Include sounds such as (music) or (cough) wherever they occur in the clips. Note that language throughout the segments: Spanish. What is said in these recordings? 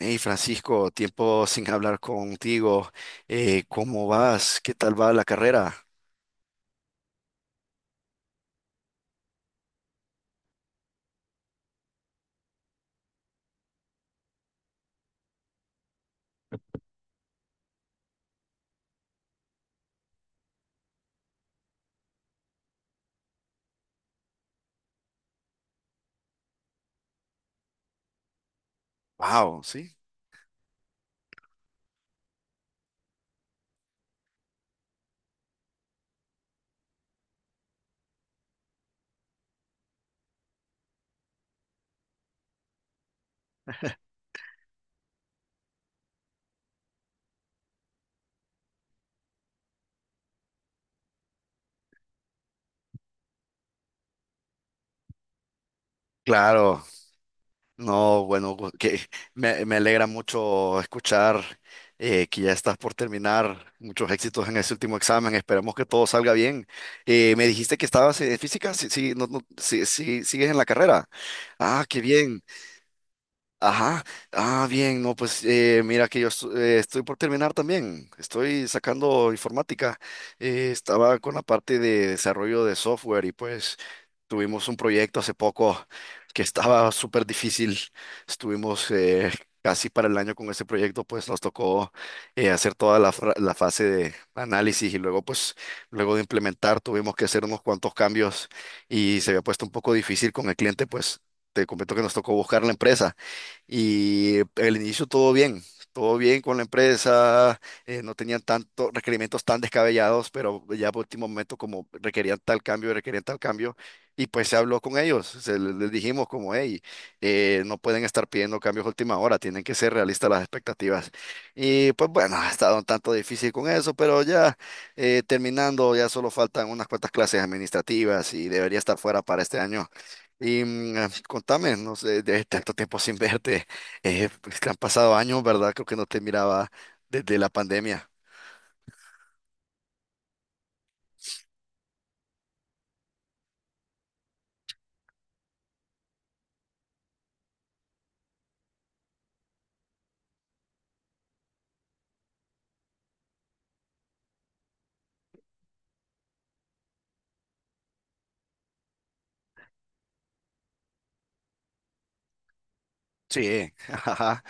Hey Francisco, tiempo sin hablar contigo. ¿Cómo vas? ¿Qué tal va la carrera? Wow, sí. Claro, no, bueno, gu- que me alegra mucho escuchar que ya estás por terminar. Muchos éxitos en ese último examen. Esperemos que todo salga bien. Me dijiste que estabas en física, sí, sí, no, no, sí, sí, sigues en la carrera. Ah, qué bien. Ajá, ah, bien, no, pues mira que estoy por terminar también, estoy sacando informática. Estaba con la parte de desarrollo de software y pues tuvimos un proyecto hace poco que estaba súper difícil. Estuvimos casi para el año con ese proyecto, pues nos tocó hacer toda la, la fase de análisis y luego de implementar tuvimos que hacer unos cuantos cambios y se había puesto un poco difícil con el cliente. Pues te comento que nos tocó buscar la empresa. Y el inicio todo bien con la empresa. No tenían tantos requerimientos tan descabellados, pero ya por último momento como requerían tal cambio, y pues se habló con ellos, les dijimos como, hey, no pueden estar pidiendo cambios a última hora, tienen que ser realistas las expectativas. Y pues bueno, ha estado un tanto difícil con eso, pero ya terminando, ya solo faltan unas cuantas clases administrativas y debería estar fuera para este año. Y contame, no sé, de tanto tiempo sin verte, pues que han pasado años, ¿verdad? Creo que no te miraba desde la pandemia. Sí, (laughs) ajá,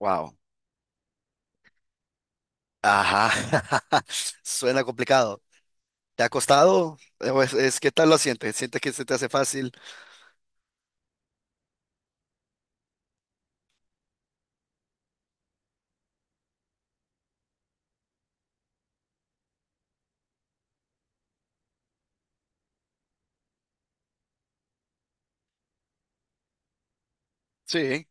wow, ajá, (laughs) suena complicado. ¿Te ha costado? ¿Qué tal lo sientes? ¿Sientes que se te hace fácil? Sí.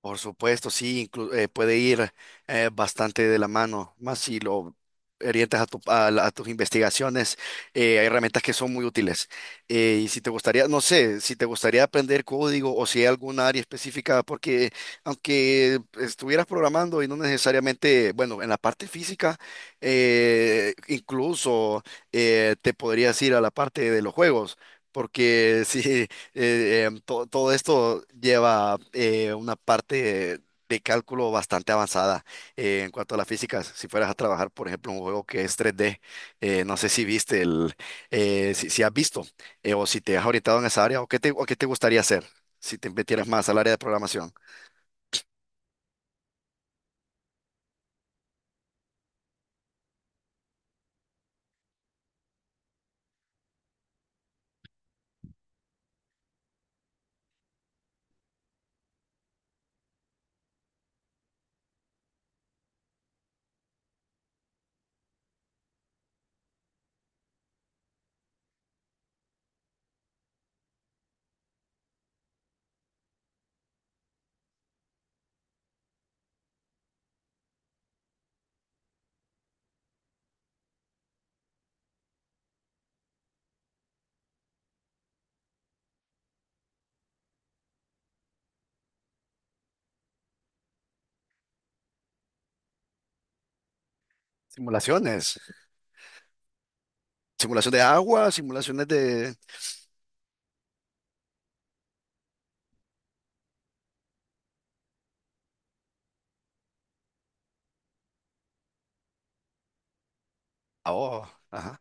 Por supuesto, sí, puede ir bastante de la mano, más si lo orientas a, a tus investigaciones. Hay herramientas que son muy útiles. Y si te gustaría, no sé, si te gustaría aprender código o si hay alguna área específica, porque aunque estuvieras programando y no necesariamente, bueno, en la parte física, incluso te podrías ir a la parte de los juegos. Porque sí, (laughs) todo esto lleva una parte de cálculo bastante avanzada en cuanto a la física. Si fueras a trabajar, por ejemplo, un juego que es 3D, no sé si viste el, si, si has visto o si te has orientado en esa área o o qué te gustaría hacer si te metieras más al área de programación. Simulaciones, simulación de agua, simulaciones de... Ah, oh, ajá.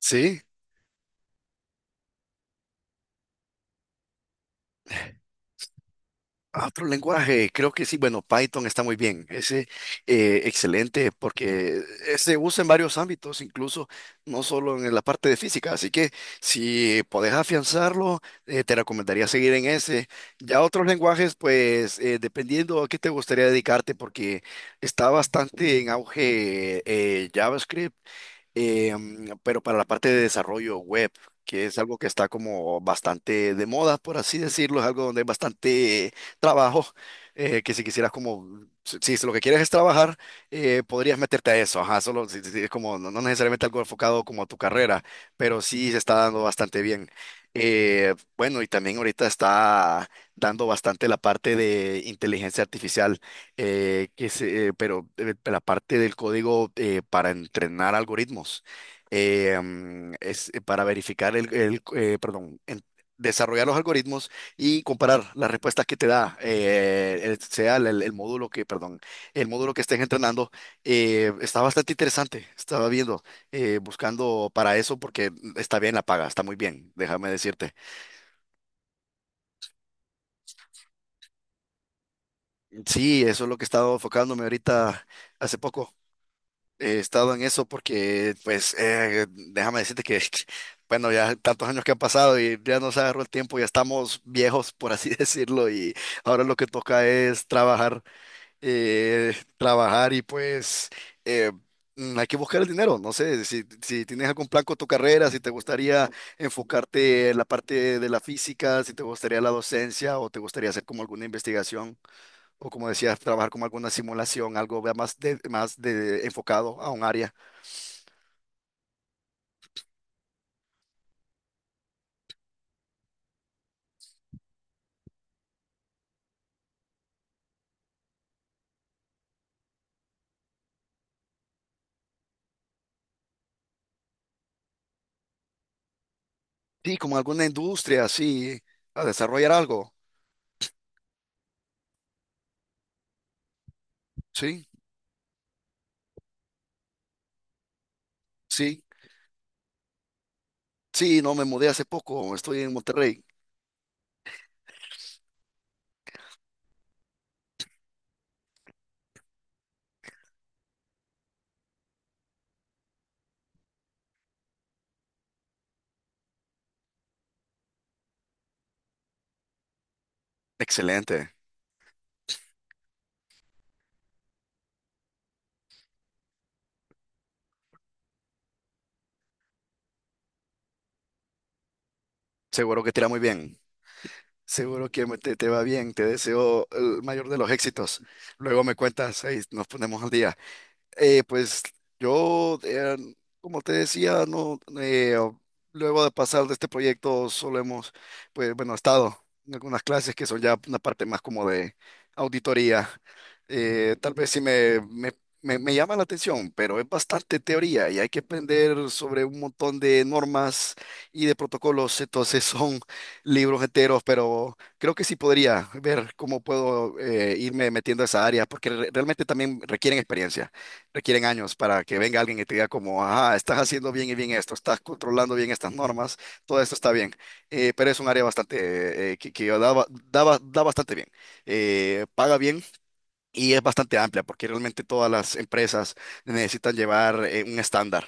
Sí. Ah, otro lenguaje, creo que sí. Bueno, Python está muy bien, ese excelente porque se usa en varios ámbitos, incluso no solo en la parte de física, así que si podés afianzarlo, te recomendaría seguir en ese. Ya otros lenguajes, pues dependiendo a qué te gustaría dedicarte, porque está bastante en auge JavaScript, pero para la parte de desarrollo web, que es algo que está como bastante de moda, por así decirlo, es algo donde hay bastante trabajo. Que si quisieras como, si, si lo que quieres es trabajar, podrías meterte a eso, ajá, solo si es como, no, no necesariamente algo enfocado como a tu carrera, pero sí se está dando bastante bien. Bueno, y también ahorita está dando bastante la parte de inteligencia artificial, pero la parte del código para entrenar algoritmos, es para verificar perdón, desarrollar los algoritmos y comparar las respuestas que te da el- sea el módulo que, perdón, el módulo que estés entrenando está bastante interesante. Estaba viendo, buscando para eso porque está bien la paga, está muy bien, déjame decirte. Sí, eso es lo que he estado enfocándome ahorita hace poco. He estado en eso porque, pues, déjame decirte que, (laughs) bueno, ya tantos años que han pasado y ya nos agarró el tiempo, ya estamos viejos, por así (laughs) decirlo. Y ahora lo que toca es trabajar, trabajar y pues eh, hay que buscar el dinero. No sé, si, si tienes algún plan con tu carrera, si te gustaría enfocarte en la parte de la física, si te gustaría la docencia o te gustaría hacer como alguna investigación o como decías, trabajar como alguna simulación, algo más, más de, enfocado a un área. Sí, como alguna industria, sí, a desarrollar algo. Sí, sí, sí, no me mudé hace poco, estoy en Monterrey. Excelente, seguro que te irá muy bien. Seguro que te va bien, te deseo el mayor de los éxitos. Luego me cuentas, ahí nos ponemos al día. Pues yo, como te decía, no, luego de pasar de este proyecto solo hemos, pues bueno, estado en algunas clases que son ya una parte más como de auditoría. Tal vez sí me llama la atención, pero es bastante teoría y hay que aprender sobre un montón de normas y de protocolos, entonces son libros enteros, pero creo que sí podría ver cómo puedo irme metiendo a esa área, porque realmente también requieren experiencia, requieren años para que venga alguien y te diga como, ah, estás haciendo bien y bien esto, estás controlando bien estas normas, todo esto está bien. Pero es un área bastante, que da, ba- da ba- da bastante bien. Paga bien y es bastante amplia porque realmente todas las empresas necesitan llevar un estándar.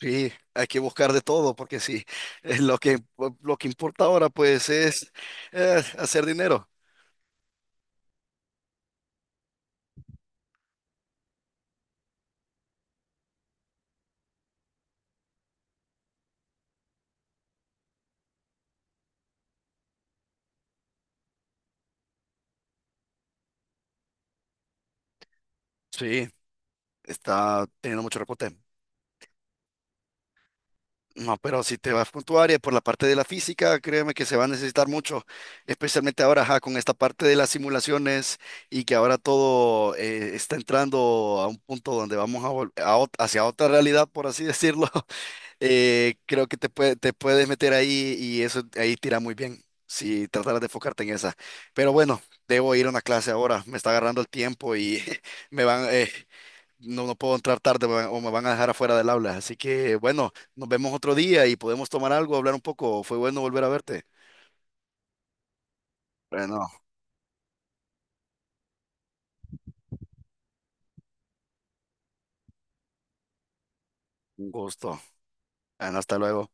Sí, hay que buscar de todo porque sí, (laughs) eh, lo que, lo que importa ahora pues es hacer dinero. Sí, está teniendo mucho reporte. No, pero si te vas con tu área por la parte de la física, créeme que se va a necesitar mucho, especialmente ahora ajá, con esta parte de las simulaciones y que ahora todo está entrando a un punto donde vamos a hacia otra realidad, por así decirlo. (laughs) Creo que te puedes meter ahí y eso ahí tira muy bien si trataras de enfocarte en esa. Pero bueno, debo ir a una clase ahora, me está agarrando el tiempo y (laughs) me van. No, no puedo entrar tarde, me van- o me van a dejar afuera del aula. Así que bueno, nos vemos otro día y podemos tomar algo, hablar un poco. Fue bueno volver a verte. Bueno, un gusto. Bueno, hasta luego.